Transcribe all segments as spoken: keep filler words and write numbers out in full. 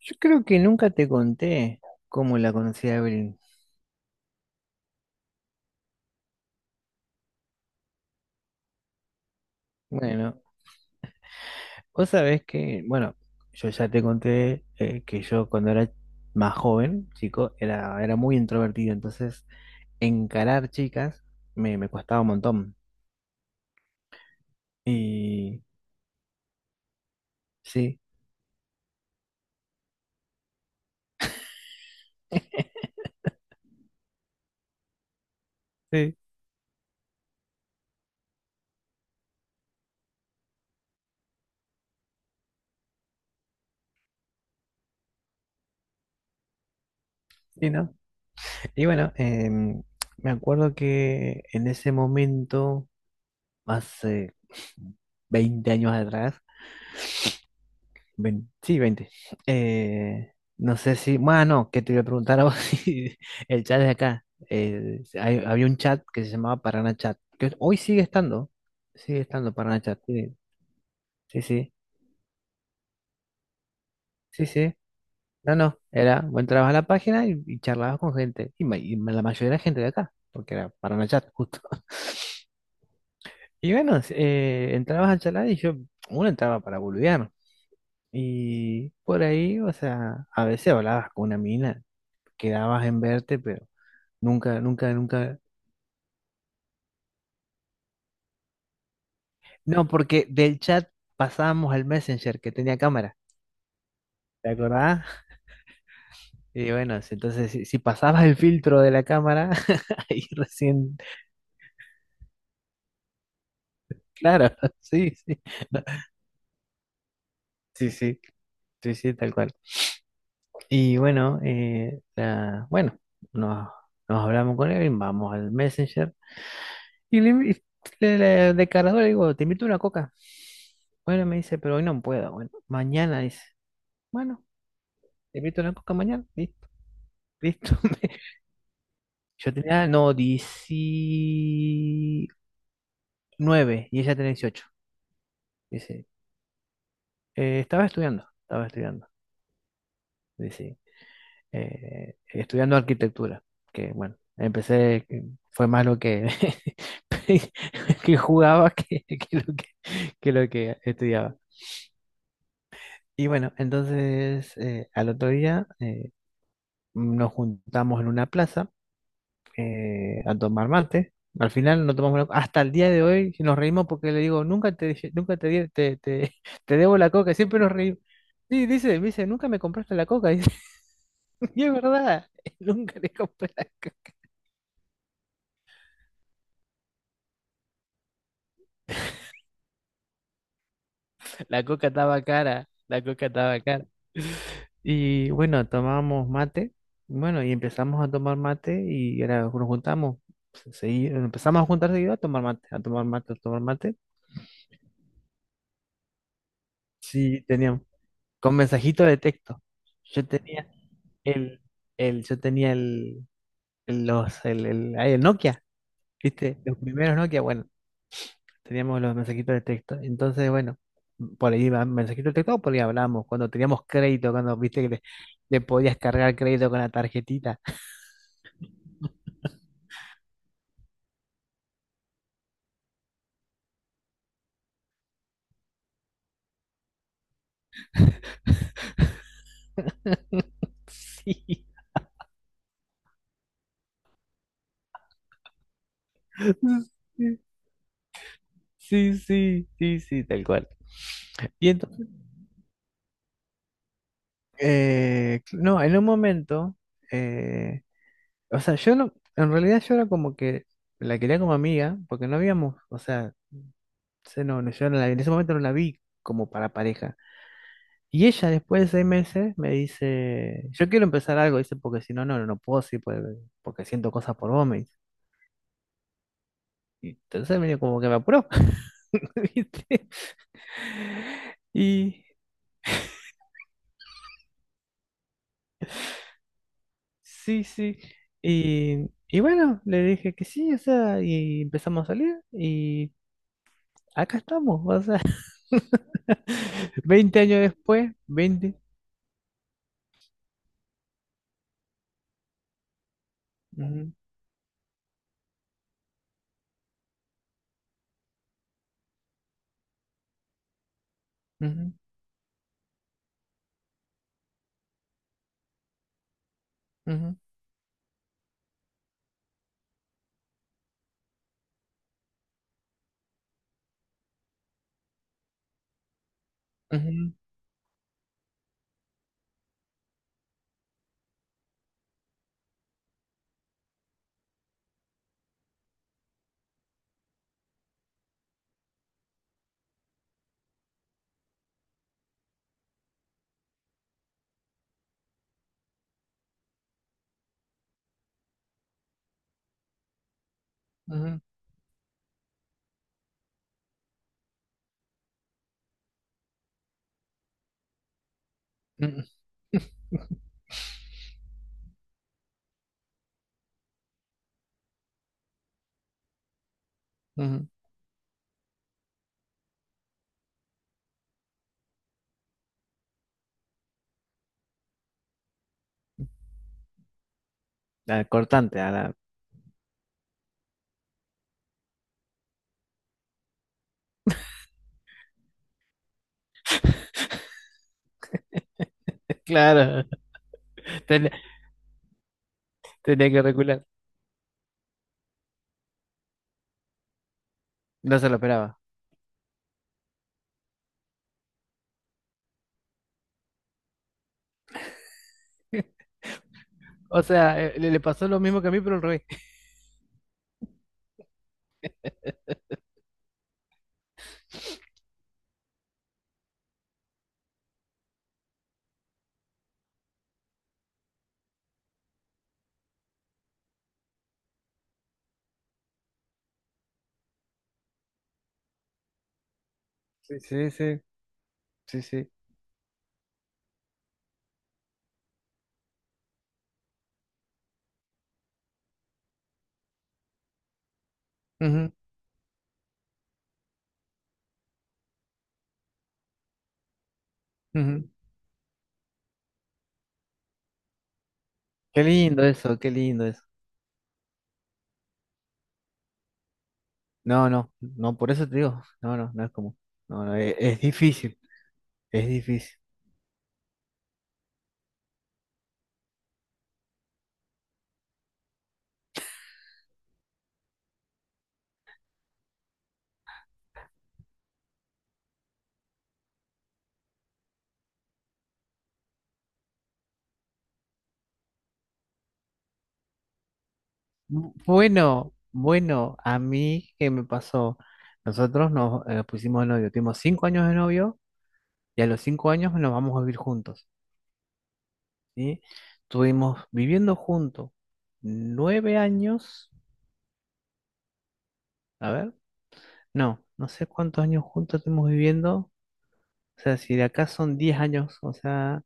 Yo creo que nunca te conté cómo la conocí a Evelyn. Bueno, vos sabés que, bueno, yo ya te conté eh, que yo cuando era más joven, chico, era, era muy introvertido, entonces encarar chicas me, me costaba un montón. Y sí, sí, sí, ¿no? Y bueno, em, me acuerdo que en ese momento, hace veinte años atrás. Vein- sí, veinte. Eh, no sé si, bueno, que te iba a preguntar a vos si el chat de acá. Eh, hay- había un chat que se llamaba Parana Chat, que hoy sigue estando, sigue estando Parana Chat. Sí, sí, sí, sí. Sí. No, no, era, vos entrabas a la página y, y charlabas con gente, y, ma- y la mayoría era gente de acá, porque era Parana Chat, justo. Y bueno, eh, entrabas al chat y yo, uno entraba para boludear. Y por ahí, o sea, a veces hablabas con una mina, quedabas en verte, pero nunca, nunca, nunca. No, porque del chat pasábamos al Messenger que tenía cámara. ¿Te acordás? Y bueno, si- entonces si, si pasabas el filtro de la cámara, ahí recién. Claro, sí, sí. No, sí, sí, sí, sí, tal cual. Y bueno, eh, la- bueno, nos, nos hablamos con él, vamos al Messenger. Y le, invi- le- le- De cargador le digo, te invito a una coca. Bueno, me dice, pero hoy no puedo. Bueno, mañana dice, bueno, te invito a una coca mañana. Listo, listo. Yo tenía, no, diecinueve, y ella tenía dieciocho. Dice, eh, estaba estudiando, estaba estudiando. Dice, eh, estudiando arquitectura, que bueno, empecé, eh, fue más lo que, que jugaba que, que lo que, que lo que estudiaba. Y bueno, entonces eh, al otro día eh, nos juntamos en una plaza, eh, a tomar mate. Al final no tomamos la... Hasta el día de hoy nos reímos porque le digo, nunca te, dije- nunca te, di- te, te, te debo la coca, siempre nos reímos. Sí, dice, me dice, nunca me compraste la coca. Dice, y es verdad, nunca le compré la coca. La coca estaba cara, la coca estaba cara. Y bueno, tomábamos mate, bueno, y empezamos a tomar mate y era, nos juntamos, se- seguido- empezamos a juntar seguido a tomar mate, a tomar mate, a tomar mate. Sí, teníamos. Con mensajito de texto. Yo tenía el, el, yo tenía el, el- los, el, el, ay, el Nokia, ¿viste? Los primeros Nokia, bueno, teníamos los mensajitos de texto. Entonces, bueno, por ahí iba mensajito de texto, o por ahí hablábamos. Cuando teníamos crédito, cuando viste que le, le podías cargar crédito con la tarjetita. Sí, sí, sí, sí, sí, tal cual. Y entonces, eh, no, en un momento, eh, o sea, yo no, en realidad yo era como que la quería como amiga, porque no habíamos, o sea, se no, no, yo no la- en ese momento no la vi como para pareja. Y ella después de seis meses me dice, yo quiero empezar algo, dice, porque si no, no, no no puedo, sí, porque, porque siento cosas por vos, me dice. Y entonces medio como que me apuró, ¿viste? Y sí, sí. Y, y bueno, le dije que sí, o sea, y empezamos a salir y acá estamos, o sea. Veinte años después, veinte, ujú, ujú, ujú, ujú, ujú, ujú, ujú. Ah, cortante, ah, la... Claro, ten- tenía que recular. No se lo esperaba. O sea, eh, le, le pasó lo mismo que a mí, pero al revés. Sí, sí, sí, sí, sí. Ujú, ujú. Qué lindo eso, qué lindo eso. No, no, no, por eso te digo, no, no, no es común, no, no, es, es difícil, es difícil. Bu- Bueno, bueno, a mí, ¿qué me pasó? Nosotros nos eh, pusimos de novio, tuvimos cinco años de novio y a los cinco años nos vamos a vivir juntos, ¿sí? Estuvimos viviendo juntos nueve años, a ver, no, no sé cuántos años juntos estuvimos viviendo, o sea, si de acá son diez años, o sea,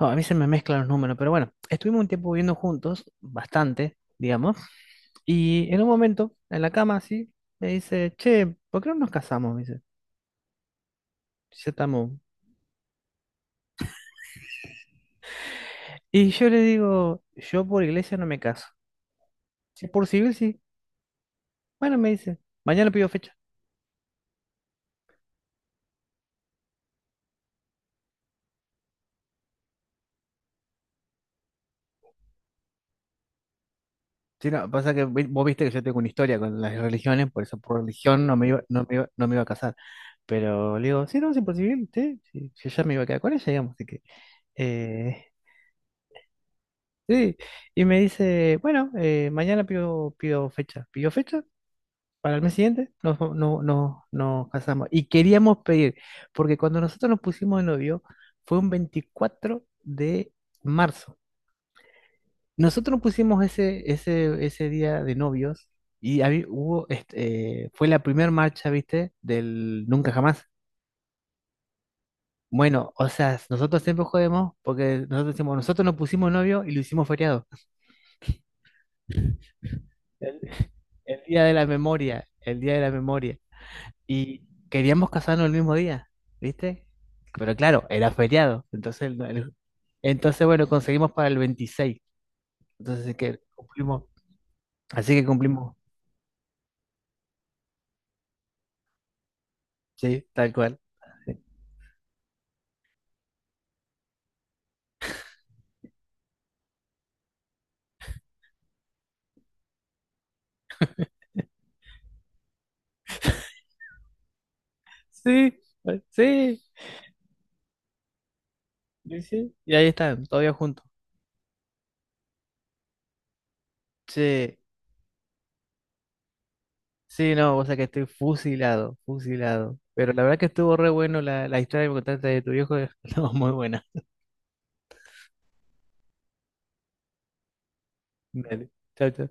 no, a mí se me mezclan los números, pero bueno, estuvimos un tiempo viviendo juntos, bastante, digamos, y en un momento, en la cama, así, me dice, che, ¿por qué no nos casamos? Se tamó. Y yo le digo, yo por iglesia no me caso. Si por civil sí. Bueno, me dice, mañana pido fecha. Sí, no, pasa que vi- vos viste que yo tengo una historia con las religiones, por eso por religión no me iba, no me iba, no me iba a casar. Pero le digo, sí, no, sí, por civil, sí, sí, yo ya me iba a quedar con ella, digamos, así que eh, sí. Y me dice, bueno, eh, mañana pido, pido fecha. ¿Pidió fecha? Para el mes siguiente nos, no, no, nos casamos. Y queríamos pedir, porque cuando nosotros nos pusimos de novio fue un veinticuatro de marzo. Nosotros nos pusimos ese, ese, ese día de novios y habí- hubo, este, eh, fue la primera marcha, ¿viste? Del Nunca Jamás. Bueno, o sea, nosotros siempre jodemos porque nosotros decimos, nosotros nos pusimos novio y lo hicimos feriado. El, el día de la memoria, el día de la memoria. Y queríamos casarnos el mismo día, ¿viste? Pero claro, era feriado. Entonces, el- el- entonces bueno, conseguimos para el veintiséis. Entonces, que cumplimos. Así que cumplimos. Sí, tal cual. Sí, sí, sí. Sí. Y ahí están, todavía juntos. Sí, sí, no, o sea que estoy fusilado, fusilado. Pero la verdad que estuvo re bueno la, la historia que me contaste de tu viejo. No, muy buena. Dale, chao, chao.